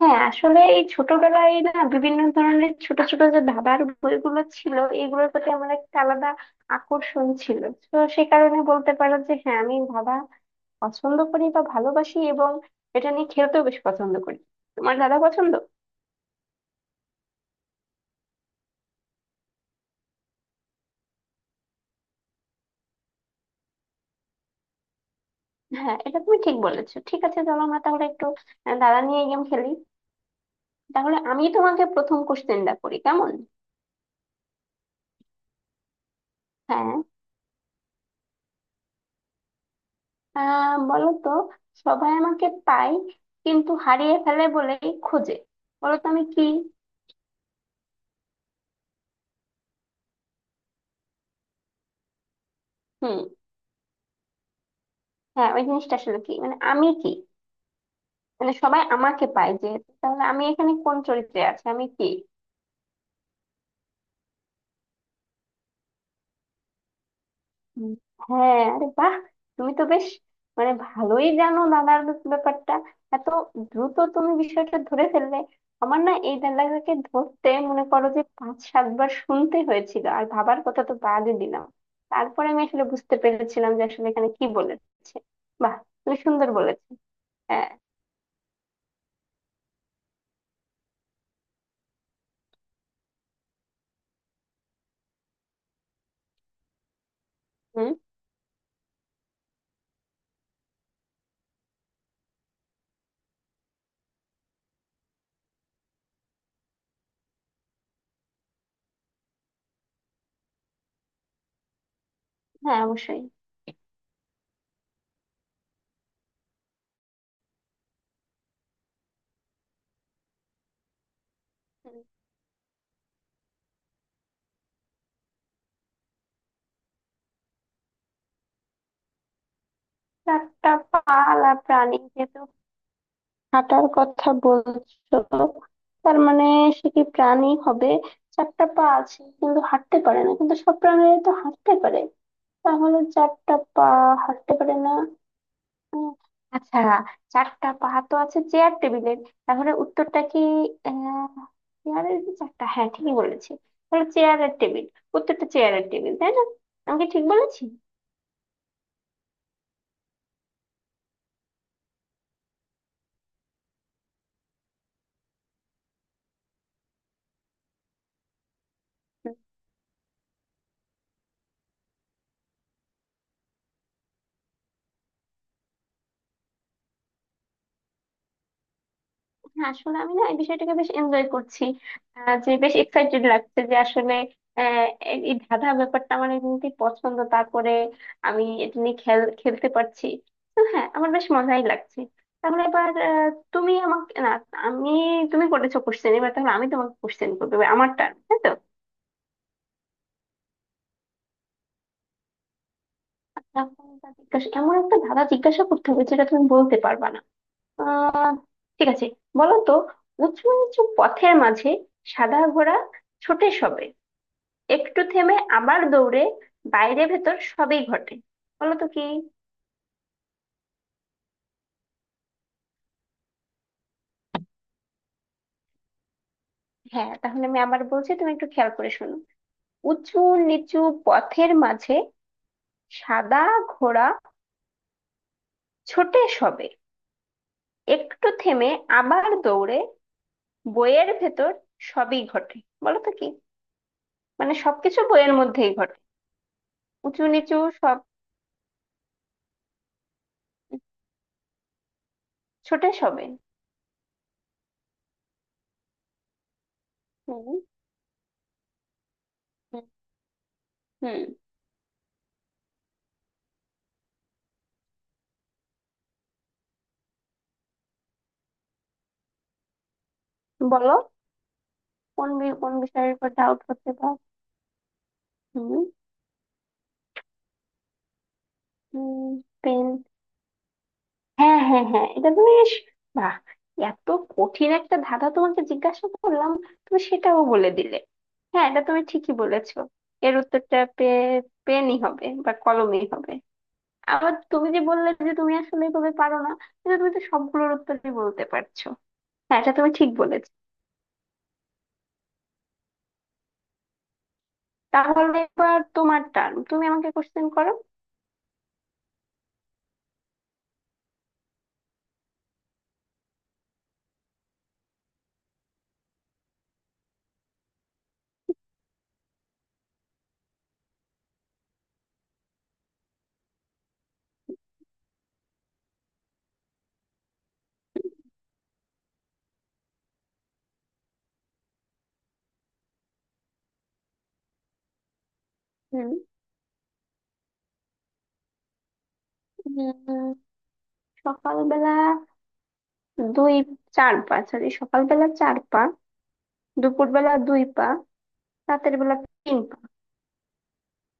হ্যাঁ, আসলে এই ছোটবেলায় না বিভিন্ন ধরনের ছোট ছোট যে ধাঁধার বইগুলো ছিল, এগুলোর প্রতি আমার একটা আলাদা আকর্ষণ ছিল। তো সে কারণে বলতে পারো যে হ্যাঁ, আমি ধাঁধা পছন্দ করি বা ভালোবাসি, এবং এটা নিয়ে খেলতেও বেশ পছন্দ করি। তোমার দাদা পছন্দ? হ্যাঁ, এটা তুমি ঠিক বলেছো। ঠিক আছে, চলো আমরা তাহলে একটু দাদা নিয়ে গেম খেলি। তাহলে আমি তোমাকে প্রথম কোশ্চেনটা করি, কেমন? হ্যাঁ। বলো তো, সবাই আমাকে পায় কিন্তু হারিয়ে ফেলে বলেই খোঁজে। বলো তো আমি কি? হুম। হ্যাঁ, ওই জিনিসটা আসলে কি, মানে আমি কি, মানে সবাই আমাকে পায় যে। তাহলে আমি এখানে কোন চরিত্রে আছি, আমি কি? হুম, হ্যাঁ, আরে বাহ! তুমি তো বেশ মানে ভালোই জানো দাদার ব্যাপারটা। এত দ্রুত তুমি বিষয়টা ধরে ফেললে! আমার না এই দাদাকে ধরতে মনে করো যে পাঁচ সাতবার শুনতে হয়েছিল, আর ভাবার কথা তো বাদই দিলাম। তারপরে আমি আসলে বুঝতে পেরেছিলাম যে আসলে এখানে কি বলেছে। বাহ, তুমি সুন্দর বলেছো। হ্যাঁ। হুম। হ্যাঁ, অবশ্যই। চারটা পালা প্রাণী যেহেতু হাঁটার কথা বলছো, তার মানে সে কি প্রাণী হবে? চারটা পা আছে কিন্তু হাঁটতে পারে না, কিন্তু সব প্রাণীরা তো হাঁটতে পারে। তাহলে চারটা পা হাঁটতে পারে না। উম, আচ্ছা, চারটা পা তো আছে চেয়ার টেবিলের। তাহলে উত্তরটা কি? আহ চেয়ারের কি চারটা, হ্যাঁ ঠিকই বলেছি। তাহলে চেয়ারের টেবিল। উত্তরটা চেয়ারের টেবিল, তাই না? আমি কি ঠিক বলেছি? হ্যাঁ, আসলে আমি না এই বিষয়টাকে বেশ এনজয় করছি। যে বেশ এক্সাইটেড লাগছে যে আসলে আহ, এই এই ধাঁধা ব্যাপারটা আমার এমনিতেই পছন্দ, তারপরে আমি এটা নিয়ে খেলতে পারছি। তো হ্যাঁ, আমার বেশ মজাই লাগছে। তাহলে এবার তুমি আমাকে না, আমি, তুমি করেছো কোশ্চেন, এবার তাহলে আমি তোমাকে কোশ্চেন করবো, এবার আমার টার্ন, তাই তো? এখন তা জিজ্ঞাসা, এমন একটা ধাঁধা জিজ্ঞাসা করতে হবে যেটা তুমি বলতে পারবা না। আহ, ঠিক আছে, বলো তো, উঁচু নিচু পথের মাঝে, সাদা ঘোড়া ছোটে সবে, একটু থেমে আবার দৌড়ে, বাইরে ভেতর সবই ঘটে। বলো তো কি? হ্যাঁ, তাহলে আমি আবার বলছি, তুমি একটু খেয়াল করে শোনো। উঁচু নিচু পথের মাঝে, সাদা ঘোড়া ছোটে সবে, একটু থেমে আবার দৌড়ে, বইয়ের ভেতর সবই ঘটে। বলো তো কি? মানে সবকিছু বইয়ের মধ্যেই ঘটে। উঁচু নিচু সব। ছোটে সবে। হুম। হুম। হুম। বলো। কোন বিষয়ের উপর ডাউট হতে পার? হুম। হুম। পেন? হ্যাঁ হ্যাঁ হ্যাঁ, এটা তুমি বেশ, বাহ! এত কঠিন একটা ধাঁধা তোমাকে জিজ্ঞাসা করলাম, তুমি সেটাও বলে দিলে। হ্যাঁ, এটা তুমি ঠিকই বলেছো। এর উত্তরটা পে, পেনই হবে বা কলমেই হবে। আবার তুমি যে বললে যে তুমি আসলে এভাবে পারো না, কিন্তু তুমি তো সবগুলোর উত্তরই বলতে পারছো। হ্যাঁ, এটা তুমি ঠিক বলেছো। তাহলে এবার তোমার টার্ন, তুমি আমাকে কোশ্চেন করো। হুম। উম, সকালবেলা দুই, চার পা, সরি, সকালবেলা চার পা, দুপুরবেলা দুই পা, রাতের বেলা পিঙ্ক।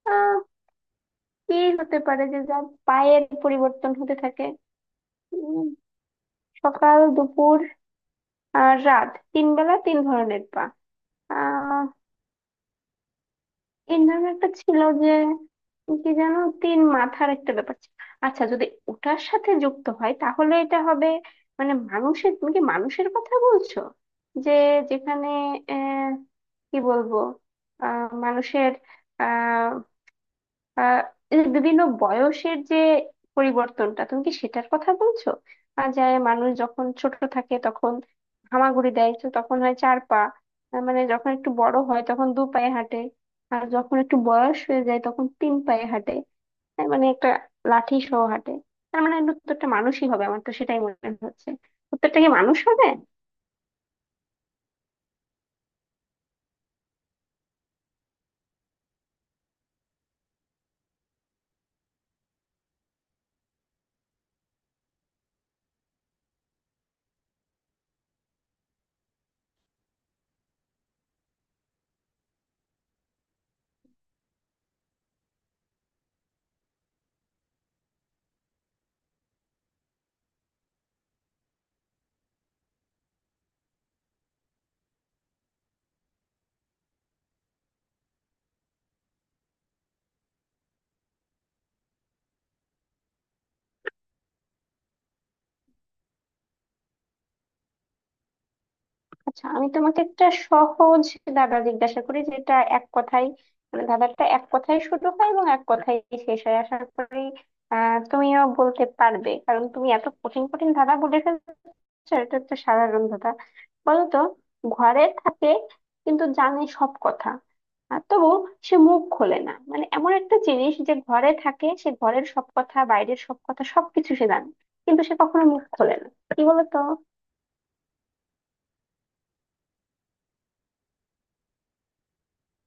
আহ কি হতে পারে যে যা পায়ের পরিবর্তন হতে থাকে। উম, সকাল দুপুর আর রাত, তিন বেলা তিন ধরনের পা। আহ তিন ধরনের একটা ছিল যে, কি জানো, তিন মাথার একটা ব্যাপার ছিল। আচ্ছা, যদি ওটার সাথে যুক্ত হয় তাহলে এটা হবে, মানে মানুষের, তুমি কি মানুষের কথা বলছো যে, যেখানে আহ কি বলবো, মানুষের আহ এই যে বিভিন্ন বয়সের যে পরিবর্তনটা, তুমি কি সেটার কথা বলছো? আর যায়, মানুষ যখন ছোট থাকে তখন হামাগুড়ি দেয়, তো তখন হয় চার পা। মানে যখন একটু বড় হয় তখন দু পায়ে হাঁটে, আর যখন একটু বয়স হয়ে যায় তখন তিন পায়ে হাঁটে, তার মানে একটা লাঠি সহ হাঁটে। তার মানে প্রত্যেকটা মানুষই হবে, আমার তো সেটাই মনে হচ্ছে। প্রত্যেকটা কি মানুষ হবে? আচ্ছা, আমি তোমাকে একটা সহজ দাদা জিজ্ঞাসা করি, যেটা এক কথায়, মানে দাদাটা এক কথায় শুরু হয় এবং এক কথায় শেষ হয়। আশা করি তুমিও বলতে পারবে, কারণ তুমি এত কঠিন কঠিন দাদা বলে ফেলছো। এটা একটা সাধারণ দাদা। বলো তো, ঘরে থাকে কিন্তু জানে সব কথা, আর তবু সে মুখ খোলে না। মানে এমন একটা জিনিস যে ঘরে থাকে, সে ঘরের সব কথা, বাইরের সব কথা, সবকিছু সে জানে, কিন্তু সে কখনো মুখ খোলে না। কি বলো তো?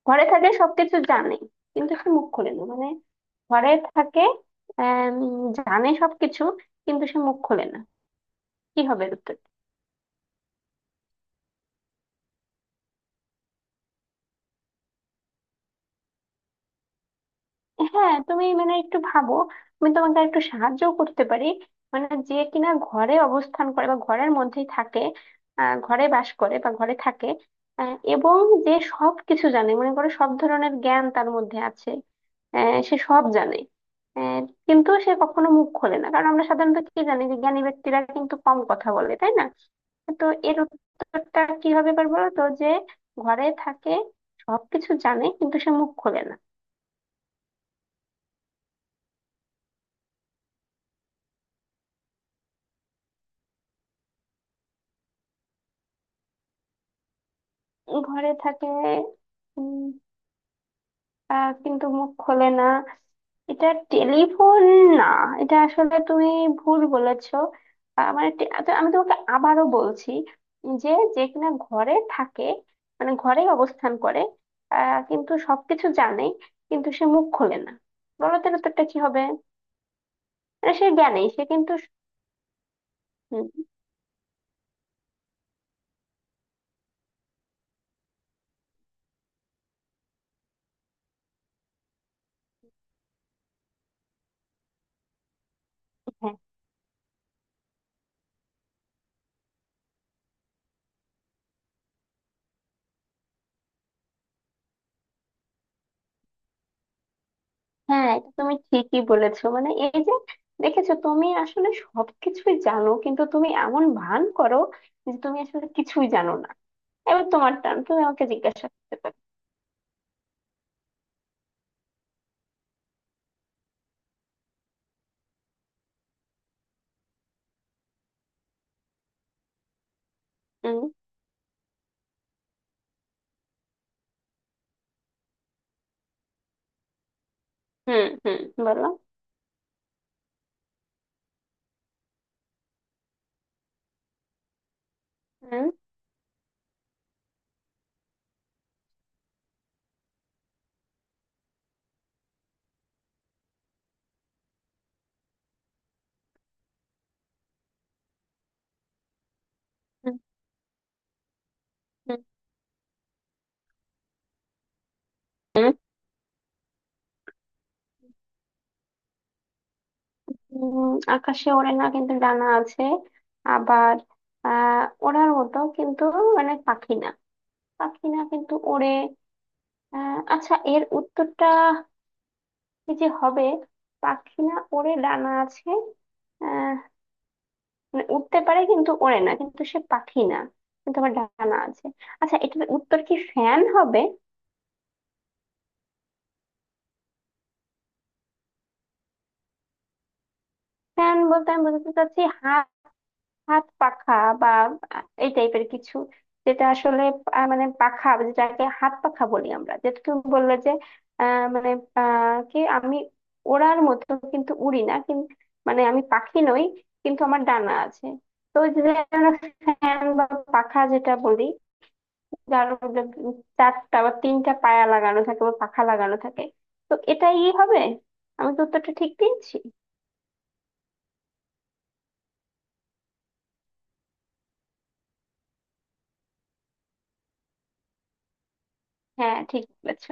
ঘরে থাকলে সবকিছু জানে কিন্তু সে মুখ খোলে না, মানে ঘরে থাকে, আহ জানে সবকিছু, কিন্তু সে মুখ খোলে না। কি হবে এর উত্তর? হ্যাঁ, তুমি মানে একটু ভাবো। আমি তোমাকে একটু সাহায্য করতে পারি। মানে যে কিনা ঘরে অবস্থান করে বা ঘরের মধ্যেই থাকে, ঘরে বাস করে বা ঘরে থাকে, এবং যে সব কিছু জানে, মনে করে সব ধরনের জ্ঞান তার মধ্যে আছে, সে সব জানে, আহ, কিন্তু সে কখনো মুখ খোলে না। কারণ আমরা সাধারণত কি জানি, যে জ্ঞানী ব্যক্তিরা কিন্তু কম কথা বলে, তাই না? তো এর উত্তরটা কি হবে এবার বলো তো, যে ঘরে থাকে, সবকিছু জানে, কিন্তু সে মুখ খোলে না। ঘরে থাকে, উম, কিন্তু মুখ খোলে না। এটা টেলিফোন? না, এটা আসলে তুমি ভুল বলেছো। তো আমি তোমাকে আবারও বলছি, যে, যে কিনা ঘরে থাকে, মানে ঘরে অবস্থান করে, কিন্তু সবকিছু জানে, কিন্তু সে মুখ খোলে না। বলো তাহলে তো একটা কি হবে? মানে সে জ্ঞানী, সে কিন্তু, হুম। হ্যাঁ। হ্যাঁ, এটা তুমি ঠিকই বলেছো। মানে এই যে দেখেছো, তুমি আসলে সবকিছুই জানো, কিন্তু তুমি এমন ভান করো যে তুমি আসলে কিছুই জানো না। এবার তোমার টান, তুমি আমাকে জিজ্ঞাসা করতে পারো। হুম। হুম। হুম। বলো। হুম। হুম। হুম। হুম। উম, আকাশে ওড়ে না কিন্তু ডানা আছে, আবার ওড়ার মতো কিন্তু মানে পাখি না, পাখি না কিন্তু ওড়ে। আচ্ছা, এর উত্তরটা কি যে হবে? পাখি না, ওড়ে, ডানা আছে, মানে উঠতে পারে কিন্তু ওড়ে না, কিন্তু সে পাখি না, কিন্তু আমার ডানা আছে। আচ্ছা, এটার উত্তর কি ফ্যান হবে? ফ্যান বলতে আমি বোঝাতে চাচ্ছি হাত হাত পাখা, বা এই টাইপের কিছু, যেটা আসলে মানে পাখা, যেটাকে হাত পাখা বলি আমরা, যেটা তুমি বললে যে আহ মানে আহ কি আমি ওড়ার মতো কিন্তু উড়ি না, কিন্তু মানে আমি পাখি নই, কিন্তু আমার ডানা আছে। তো ওই যে আমরা ফ্যান বা পাখা যেটা বলি, যার মধ্যে চারটা বা তিনটা পায়া লাগানো থাকে বা পাখা লাগানো থাকে। তো এটাই হবে। আমি তো উত্তরটা ঠিক দিয়েছি। হ্যাঁ, ঠিক বলেছ।